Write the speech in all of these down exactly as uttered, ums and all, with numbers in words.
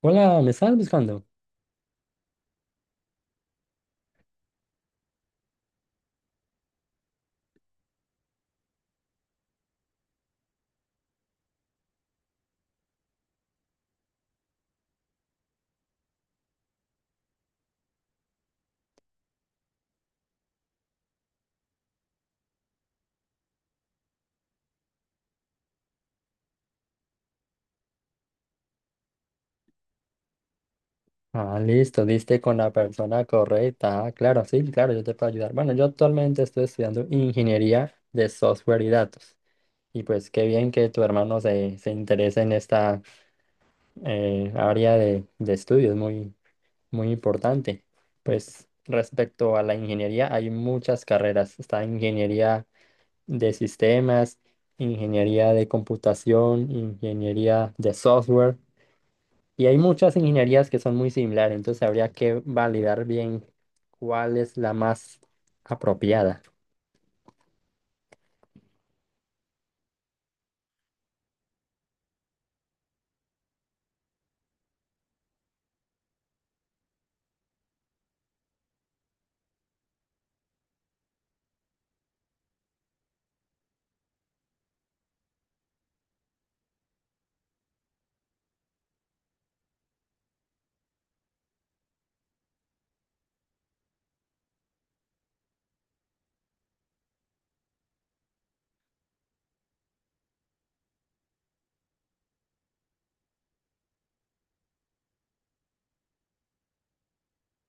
Hola, ¿me estás buscando? Ah, listo, diste con la persona correcta. Ah, claro, sí, claro, yo te puedo ayudar. Bueno, yo actualmente estoy estudiando ingeniería de software y datos. Y pues qué bien que tu hermano se, se interese en esta eh, área de, de estudio, es muy, muy importante. Pues respecto a la ingeniería, hay muchas carreras. Está ingeniería de sistemas, ingeniería de computación, ingeniería de software. Y hay muchas ingenierías que son muy similares, entonces habría que validar bien cuál es la más apropiada.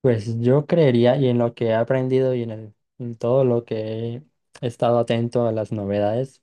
Pues yo creería, y en lo que he aprendido y en el- en todo lo que he estado atento a las novedades,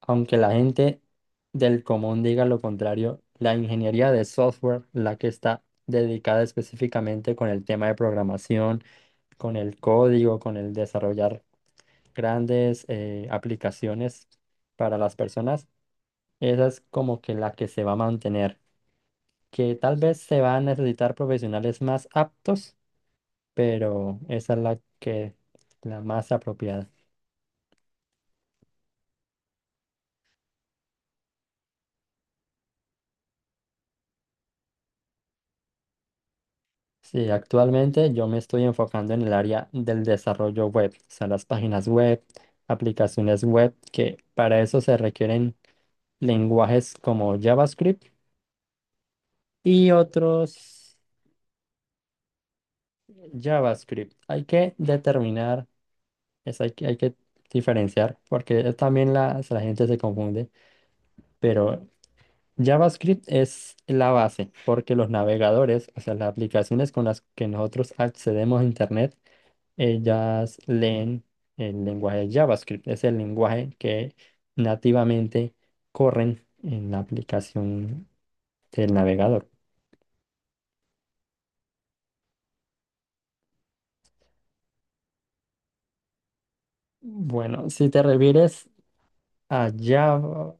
aunque la gente del común diga lo contrario, la ingeniería de software, la que está dedicada específicamente con el tema de programación, con el código, con el desarrollar grandes eh, aplicaciones para las personas. Esa es como que la que se va a mantener, que tal vez se va a necesitar profesionales más aptos, pero esa es la que la más apropiada. Sí, actualmente yo me estoy enfocando en el área del desarrollo web, o sea, las páginas web, aplicaciones web, que para eso se requieren lenguajes como JavaScript y otros. JavaScript. Hay que determinar, es, hay que, hay que diferenciar, porque también la, la gente se confunde. Pero JavaScript es la base porque los navegadores, o sea, las aplicaciones con las que nosotros accedemos a Internet, ellas leen el lenguaje JavaScript. Es el lenguaje que nativamente corren en la aplicación del navegador. Bueno, si te refieres a Java,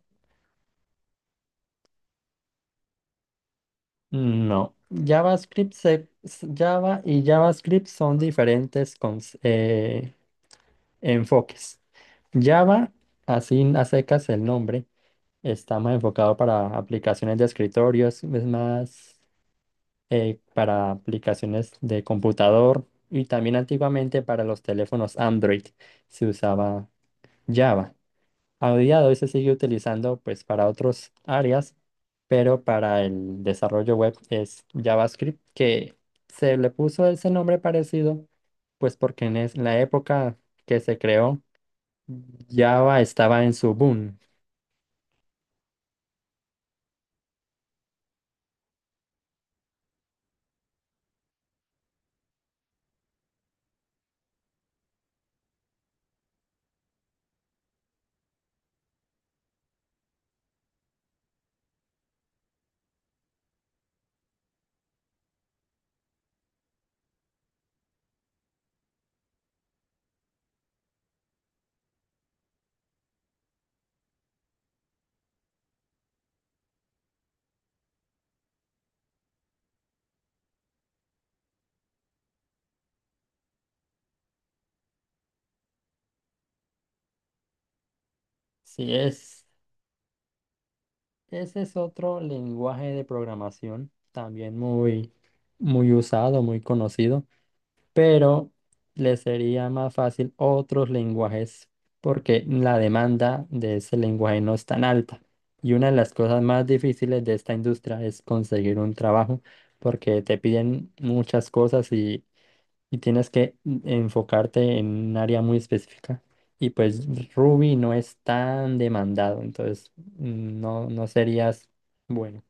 no. JavaScript, se- s- Java y JavaScript son diferentes con, eh, enfoques. Java, así a secas el nombre, está más enfocado para aplicaciones de escritorios, es más eh, para aplicaciones de computador y también antiguamente para los teléfonos Android se usaba Java. A día de hoy se sigue utilizando pues para otras áreas, pero para el desarrollo web es JavaScript, que se le puso ese nombre parecido pues porque en es- en la época que se creó Java estaba en su boom. Sí, es, ese es otro lenguaje de programación también muy, muy usado, muy conocido, pero le sería más fácil otros lenguajes porque la demanda de ese lenguaje no es tan alta. Y una de las cosas más difíciles de esta industria es conseguir un trabajo porque te piden muchas cosas y tienes que enfocarte en un área muy específica. Y pues Ruby no es tan demandado, entonces mm, no, no serías bueno.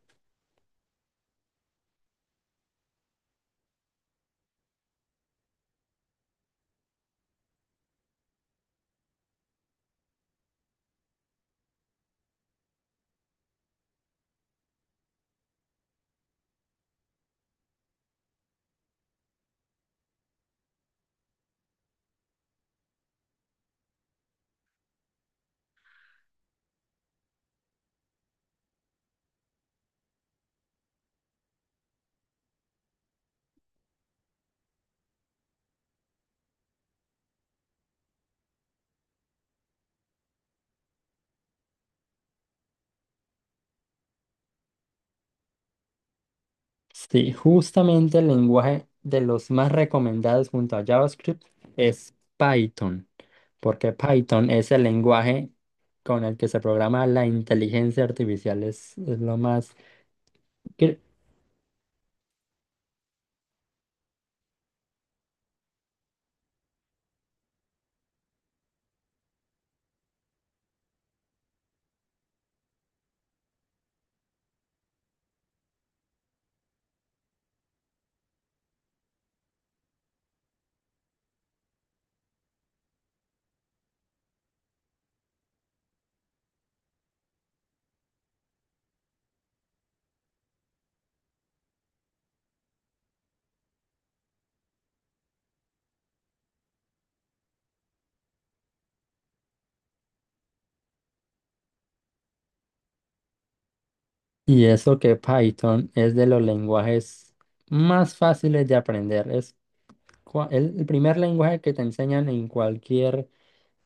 Sí, justamente el lenguaje de los más recomendados junto a JavaScript es Python, porque Python es el lenguaje con el que se programa la inteligencia artificial, es, es lo más... cre- Y eso que Python es de los lenguajes más fáciles de aprender. Es cua- el el primer lenguaje que te enseñan en cualquier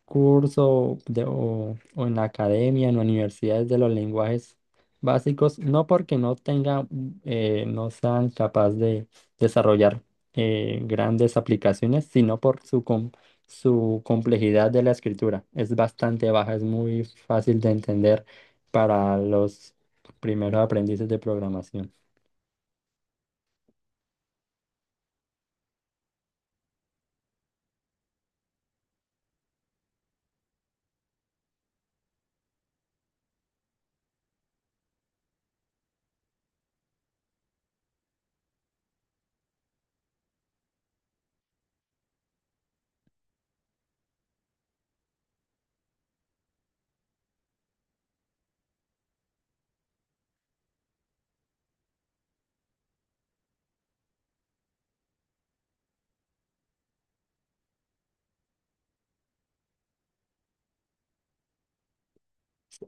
curso de- o, o en la academia, en universidades, de los lenguajes básicos, no porque no tenga, eh, no sean capaz de desarrollar eh, grandes aplicaciones, sino por su, com- su complejidad de la escritura. Es bastante baja, es muy fácil de entender para los primeros aprendices de programación.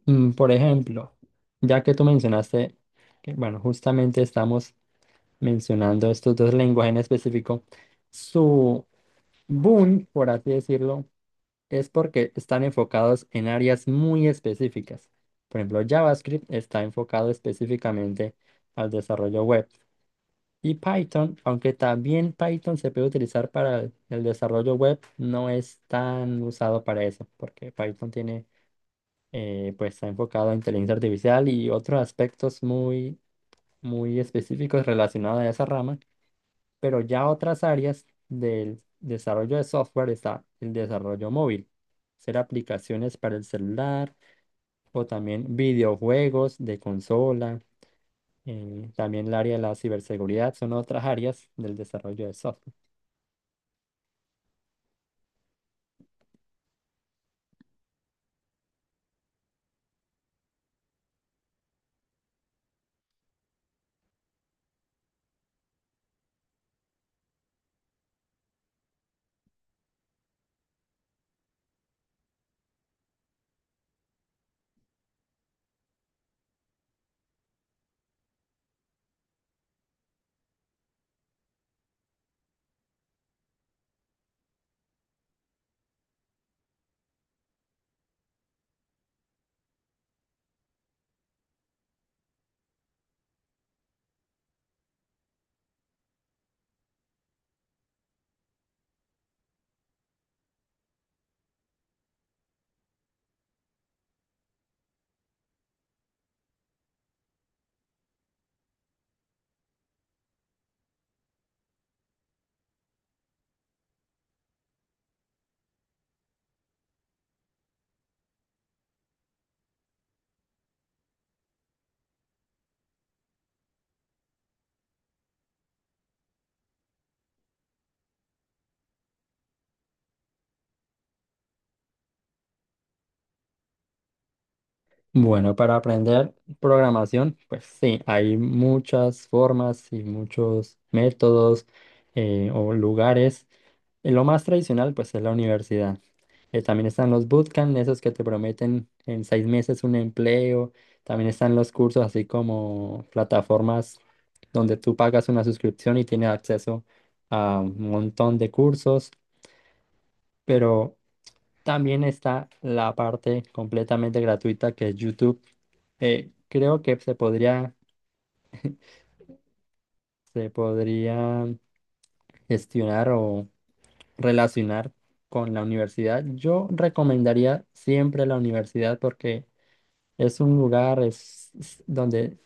Mm, Por ejemplo, ya que tú mencionaste que, bueno, justamente estamos mencionando estos dos lenguajes en específico, su boom, por así decirlo, es porque están enfocados en áreas muy específicas. Por ejemplo, JavaScript está enfocado específicamente al desarrollo web y Python, aunque también Python se puede utilizar para el el desarrollo web, no es tan usado para eso, porque Python tiene eh, pues está enfocado a inteligencia artificial y otros aspectos muy, muy específicos relacionados a esa rama, pero ya otras áreas del desarrollo de software, está el desarrollo móvil, hacer aplicaciones para el celular o también videojuegos de consola, eh, también el área de la ciberseguridad son otras áreas del desarrollo de software. Bueno, para aprender programación, pues sí, hay muchas formas y muchos métodos, eh, o lugares. Eh, Lo más tradicional, pues, es la universidad. Eh, también están los bootcamp, esos que te prometen en seis meses un empleo. También están los cursos, así como plataformas donde tú pagas una suscripción y tienes acceso a un montón de cursos. Pero también está la parte completamente gratuita que es YouTube, eh, creo que se podría, se podría gestionar o relacionar con la universidad. Yo recomendaría siempre la universidad porque es un lugar, es, es donde...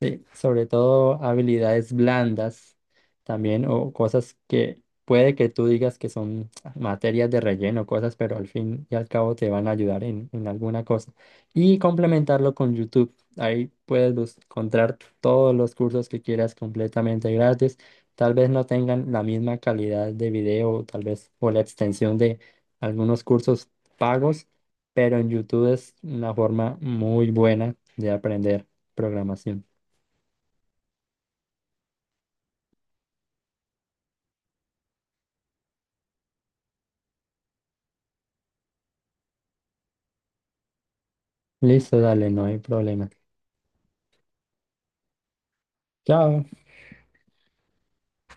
Sí, sobre todo habilidades blandas también, o cosas que puede que tú digas que son materias de relleno, cosas, pero al fin y al cabo te van a ayudar en, en alguna cosa. Y complementarlo con YouTube. Ahí puedes bus- encontrar todos los cursos que quieras completamente gratis. Tal vez no tengan la misma calidad de video, tal vez, o la extensión de algunos cursos pagos, pero en YouTube es una forma muy buena de aprender programación. Listo, dale, no hay problema. Chao.